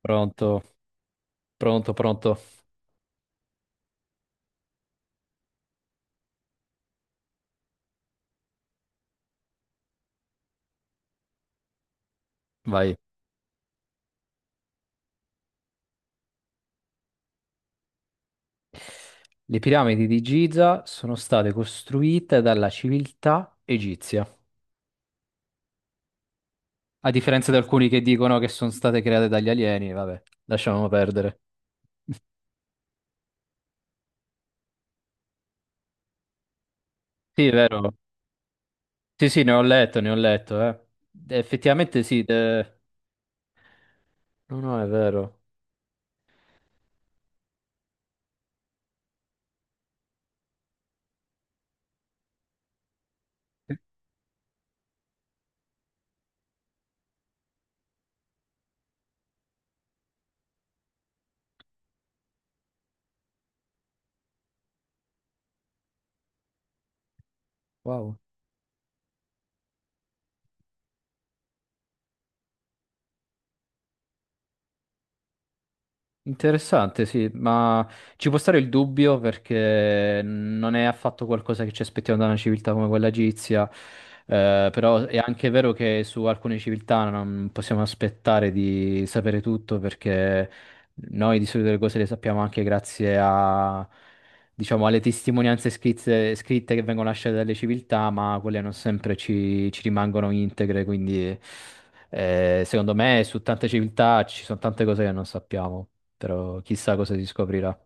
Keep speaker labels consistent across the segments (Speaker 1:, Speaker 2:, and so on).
Speaker 1: Pronto, pronto, pronto. Vai. Le piramidi di Giza sono state costruite dalla civiltà egizia, a differenza di alcuni che dicono che sono state create dagli alieni, vabbè, lasciamo perdere. Sì, è vero. Sì, sì, ne ho letto, eh. Effettivamente sì, no, no, è vero. Wow. Interessante, sì, ma ci può stare il dubbio perché non è affatto qualcosa che ci aspettiamo da una civiltà come quella egizia, però è anche vero che su alcune civiltà non possiamo aspettare di sapere tutto perché noi di solito le cose le sappiamo anche grazie a, diciamo, alle testimonianze scritte, scritte che vengono lasciate dalle civiltà, ma quelle non sempre ci rimangono integre, quindi secondo me su tante civiltà ci sono tante cose che non sappiamo, però chissà cosa si scoprirà.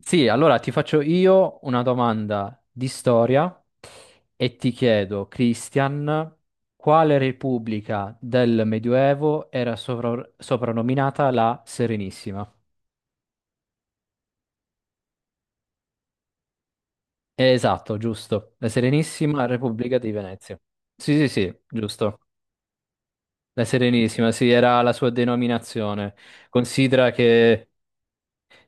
Speaker 1: Sì, allora ti faccio io una domanda di storia e ti chiedo, Christian, quale repubblica del Medioevo era soprannominata la Serenissima? Esatto, giusto. La Serenissima Repubblica di Venezia. Sì, sì, sì, giusto. La Serenissima, sì, era la sua denominazione. Considera che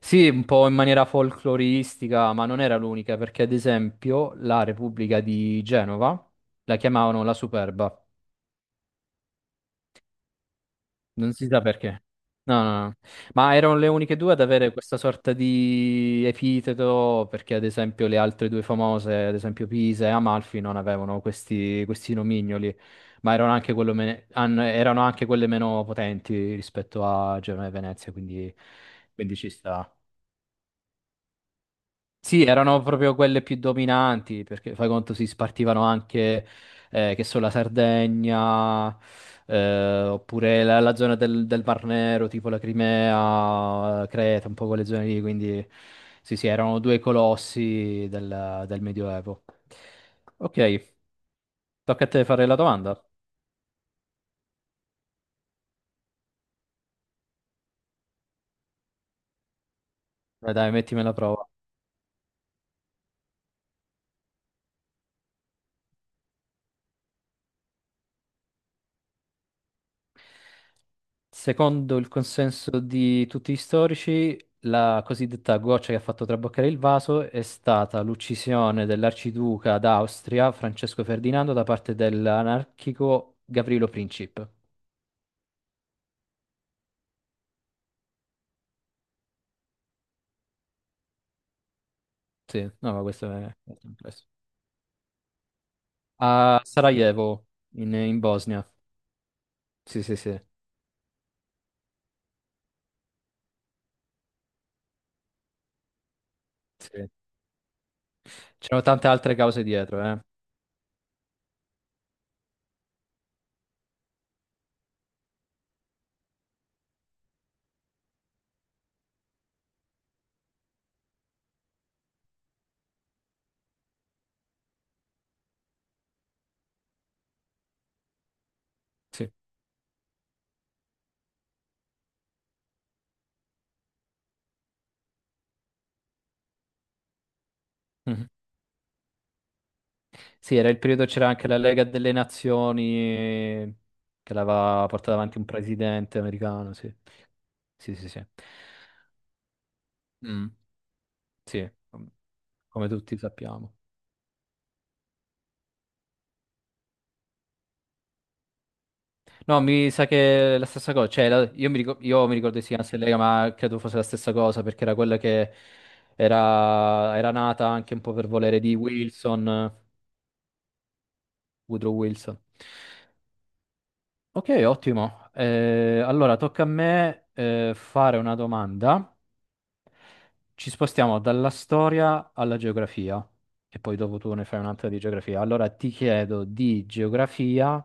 Speaker 1: sì, un po' in maniera folcloristica, ma non era l'unica, perché ad esempio la Repubblica di Genova la chiamavano la Superba, non si sa perché. No, no, no. Ma erano le uniche due ad avere questa sorta di epiteto, perché ad esempio le altre due famose, ad esempio Pisa e Amalfi, non avevano questi nomignoli, ma erano anche, erano anche quelle meno potenti rispetto a Genova e Venezia, quindi, quindi ci sta. Sì, erano proprio quelle più dominanti, perché fai conto si spartivano anche, che so, la Sardegna, oppure la zona del Mar Nero, tipo la Crimea, Creta, un po' quelle zone lì, quindi sì, sì, erano due colossi del Medioevo. Ok, tocca a te fare la domanda. Dai, dai, mettimi alla prova. Secondo il consenso di tutti gli storici, la cosiddetta goccia che ha fatto traboccare il vaso è stata l'uccisione dell'arciduca d'Austria Francesco Ferdinando da parte dell'anarchico Gavrilo Princip. Sì, no, ma questo è molto complesso. A Sarajevo, in Bosnia. Sì, sì, sì. Sì. C'erano tante altre cause dietro, eh. Sì. Mhm. Sì, era il periodo, c'era anche la Lega delle Nazioni che l'aveva portata avanti un presidente americano, sì. Sì, sì, sì. Mm, sì, come tutti sappiamo. No, mi sa che è la stessa cosa. Cioè, io, io mi ricordo che si chiamasse Lega, ma credo fosse la stessa cosa, perché era quella che era nata anche un po' per volere di Wilson, Woodrow Wilson. Ok, ottimo. Allora, tocca a me, fare una domanda. Ci spostiamo dalla storia alla geografia e poi dopo tu ne fai un'altra di geografia. Allora ti chiedo di geografia,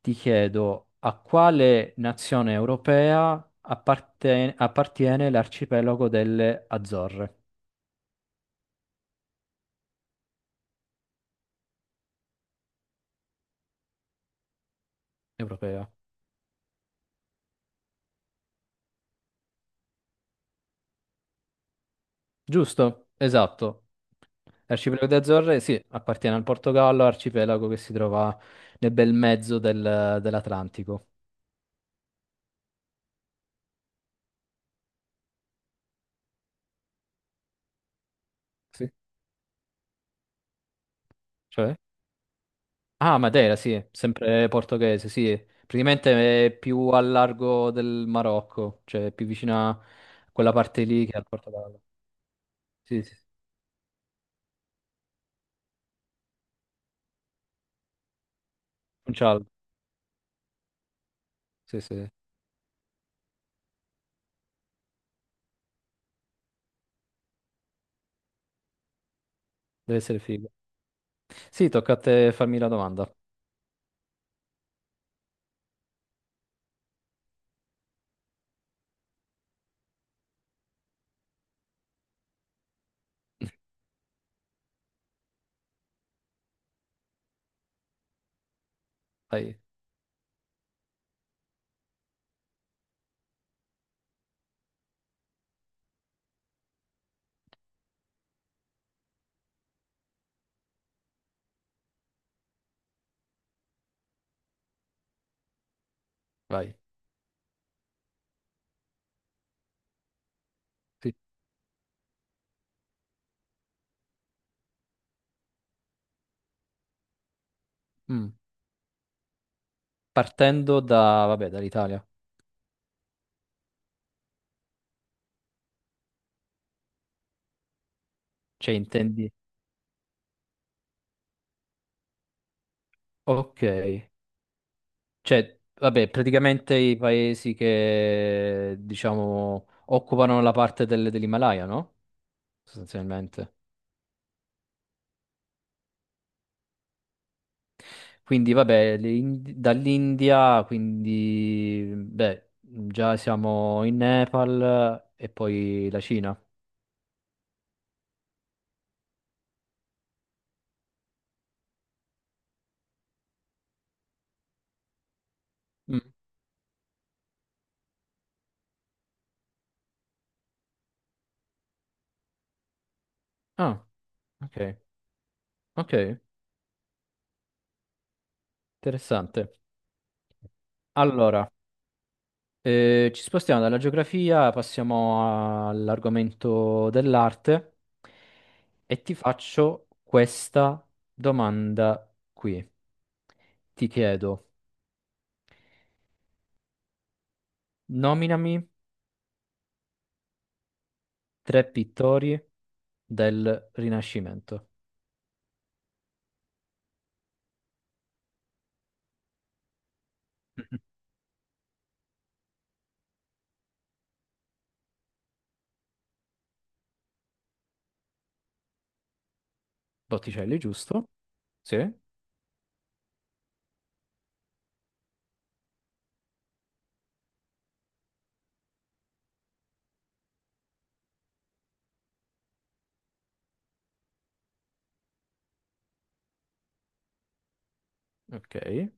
Speaker 1: ti chiedo a quale nazione europea appartiene l'arcipelago delle Azzorre europea. Giusto? Esatto. L'arcipelago delle Azzorre, sì, appartiene al Portogallo, arcipelago che si trova nel bel mezzo dell'Atlantico. Sì. Cioè? Ah, Madeira, sì, sempre portoghese, sì. Praticamente è più al largo del Marocco, cioè più vicina a quella parte lì che al Portogallo. Sì, sì, sì. Funchal, sì, sì, sì, deve essere figo. Sì, tocca a te farmi la domanda. Vai, vai. Sì. Mm. Partendo da, vabbè, dall'Italia. Cioè, intendi? Ok. Cioè, vabbè, praticamente i paesi che, diciamo, occupano la parte dell'Himalaya, no? Sostanzialmente. Quindi vabbè, dall'India, quindi beh, già siamo in Nepal e poi la Cina. Mm. Ah, ok, ok, interessante. Allora, ci spostiamo dalla geografia, passiamo all'argomento dell'arte e ti faccio questa domanda qui. Ti chiedo, nominami tre pittori del Rinascimento. Botticelli, giusto? Sì, ok.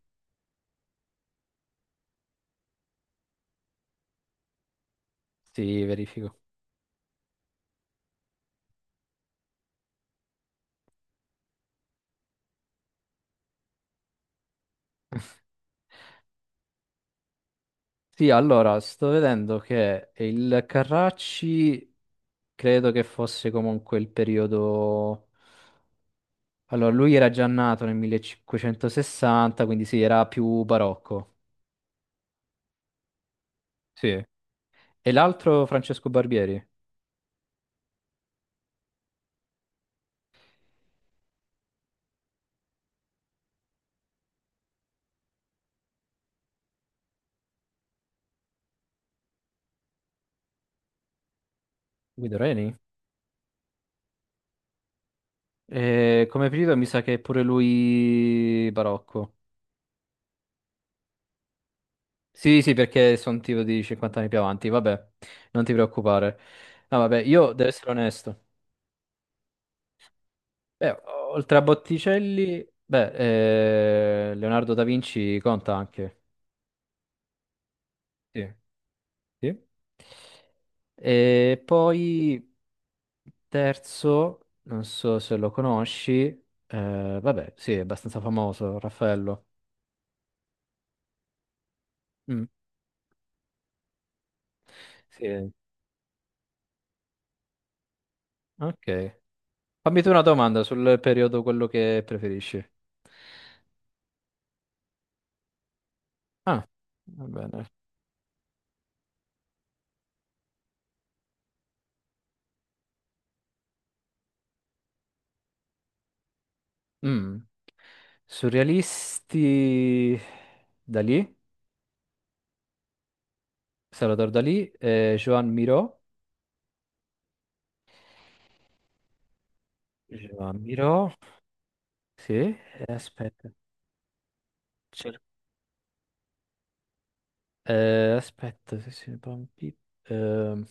Speaker 1: Sì, verifico. Sì, allora, sto vedendo che il Carracci credo che fosse comunque il periodo... Allora, lui era già nato nel 1560, quindi sì, era più barocco. Sì. E l'altro Francesco Barbieri, Guido Reni? Come periodo mi sa che è pure lui barocco. Sì, sì, perché sono tipo di 50 anni più avanti, vabbè, non ti preoccupare. No, vabbè, io devo essere onesto. Beh, oltre a Botticelli, beh, Leonardo da Vinci conta anche. Sì, sì. E poi terzo, non so se lo conosci, vabbè, sì, è abbastanza famoso, Raffaello. Mm. Sì, ok. Fammi tu una domanda sul periodo quello che preferisci. Ah, va bene. Mm. Surrealisti Dalì, Salvador Dalì, Joan Miró. Vampiro. Sì, aspetta. Cer- aspetta, se si vampi- ehm,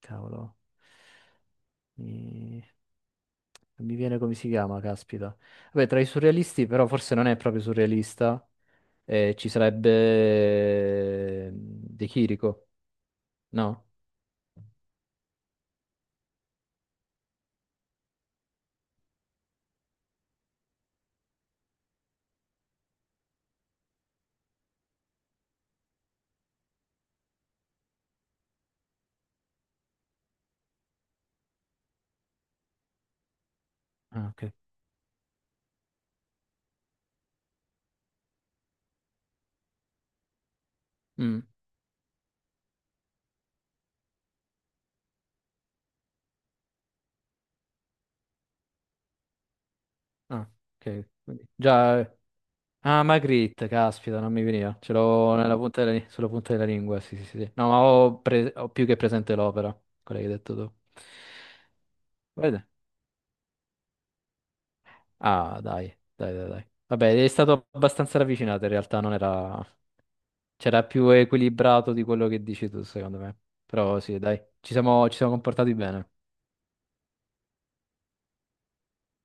Speaker 1: cavolo. Mi... non mi viene come si chiama, caspita. Vabbè, tra i surrealisti, però forse non è proprio surrealista, ci sarebbe, De Chirico, no? Ah, ok. Mm, ah, ok. Quindi già. Ah, Magritte, caspita, non mi veniva. Ce l'ho sulla punta della lingua, sì, sì, sì, sì. No, ma ho, ho più che presente l'opera, quella che hai detto tu. Guarda. Ah, dai, dai, dai, dai. Vabbè, è stato abbastanza ravvicinato, in realtà non era... C'era più equilibrato di quello che dici tu, secondo me. Però sì, dai, ci siamo comportati bene.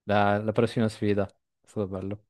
Speaker 1: La prossima sfida, è stato bello.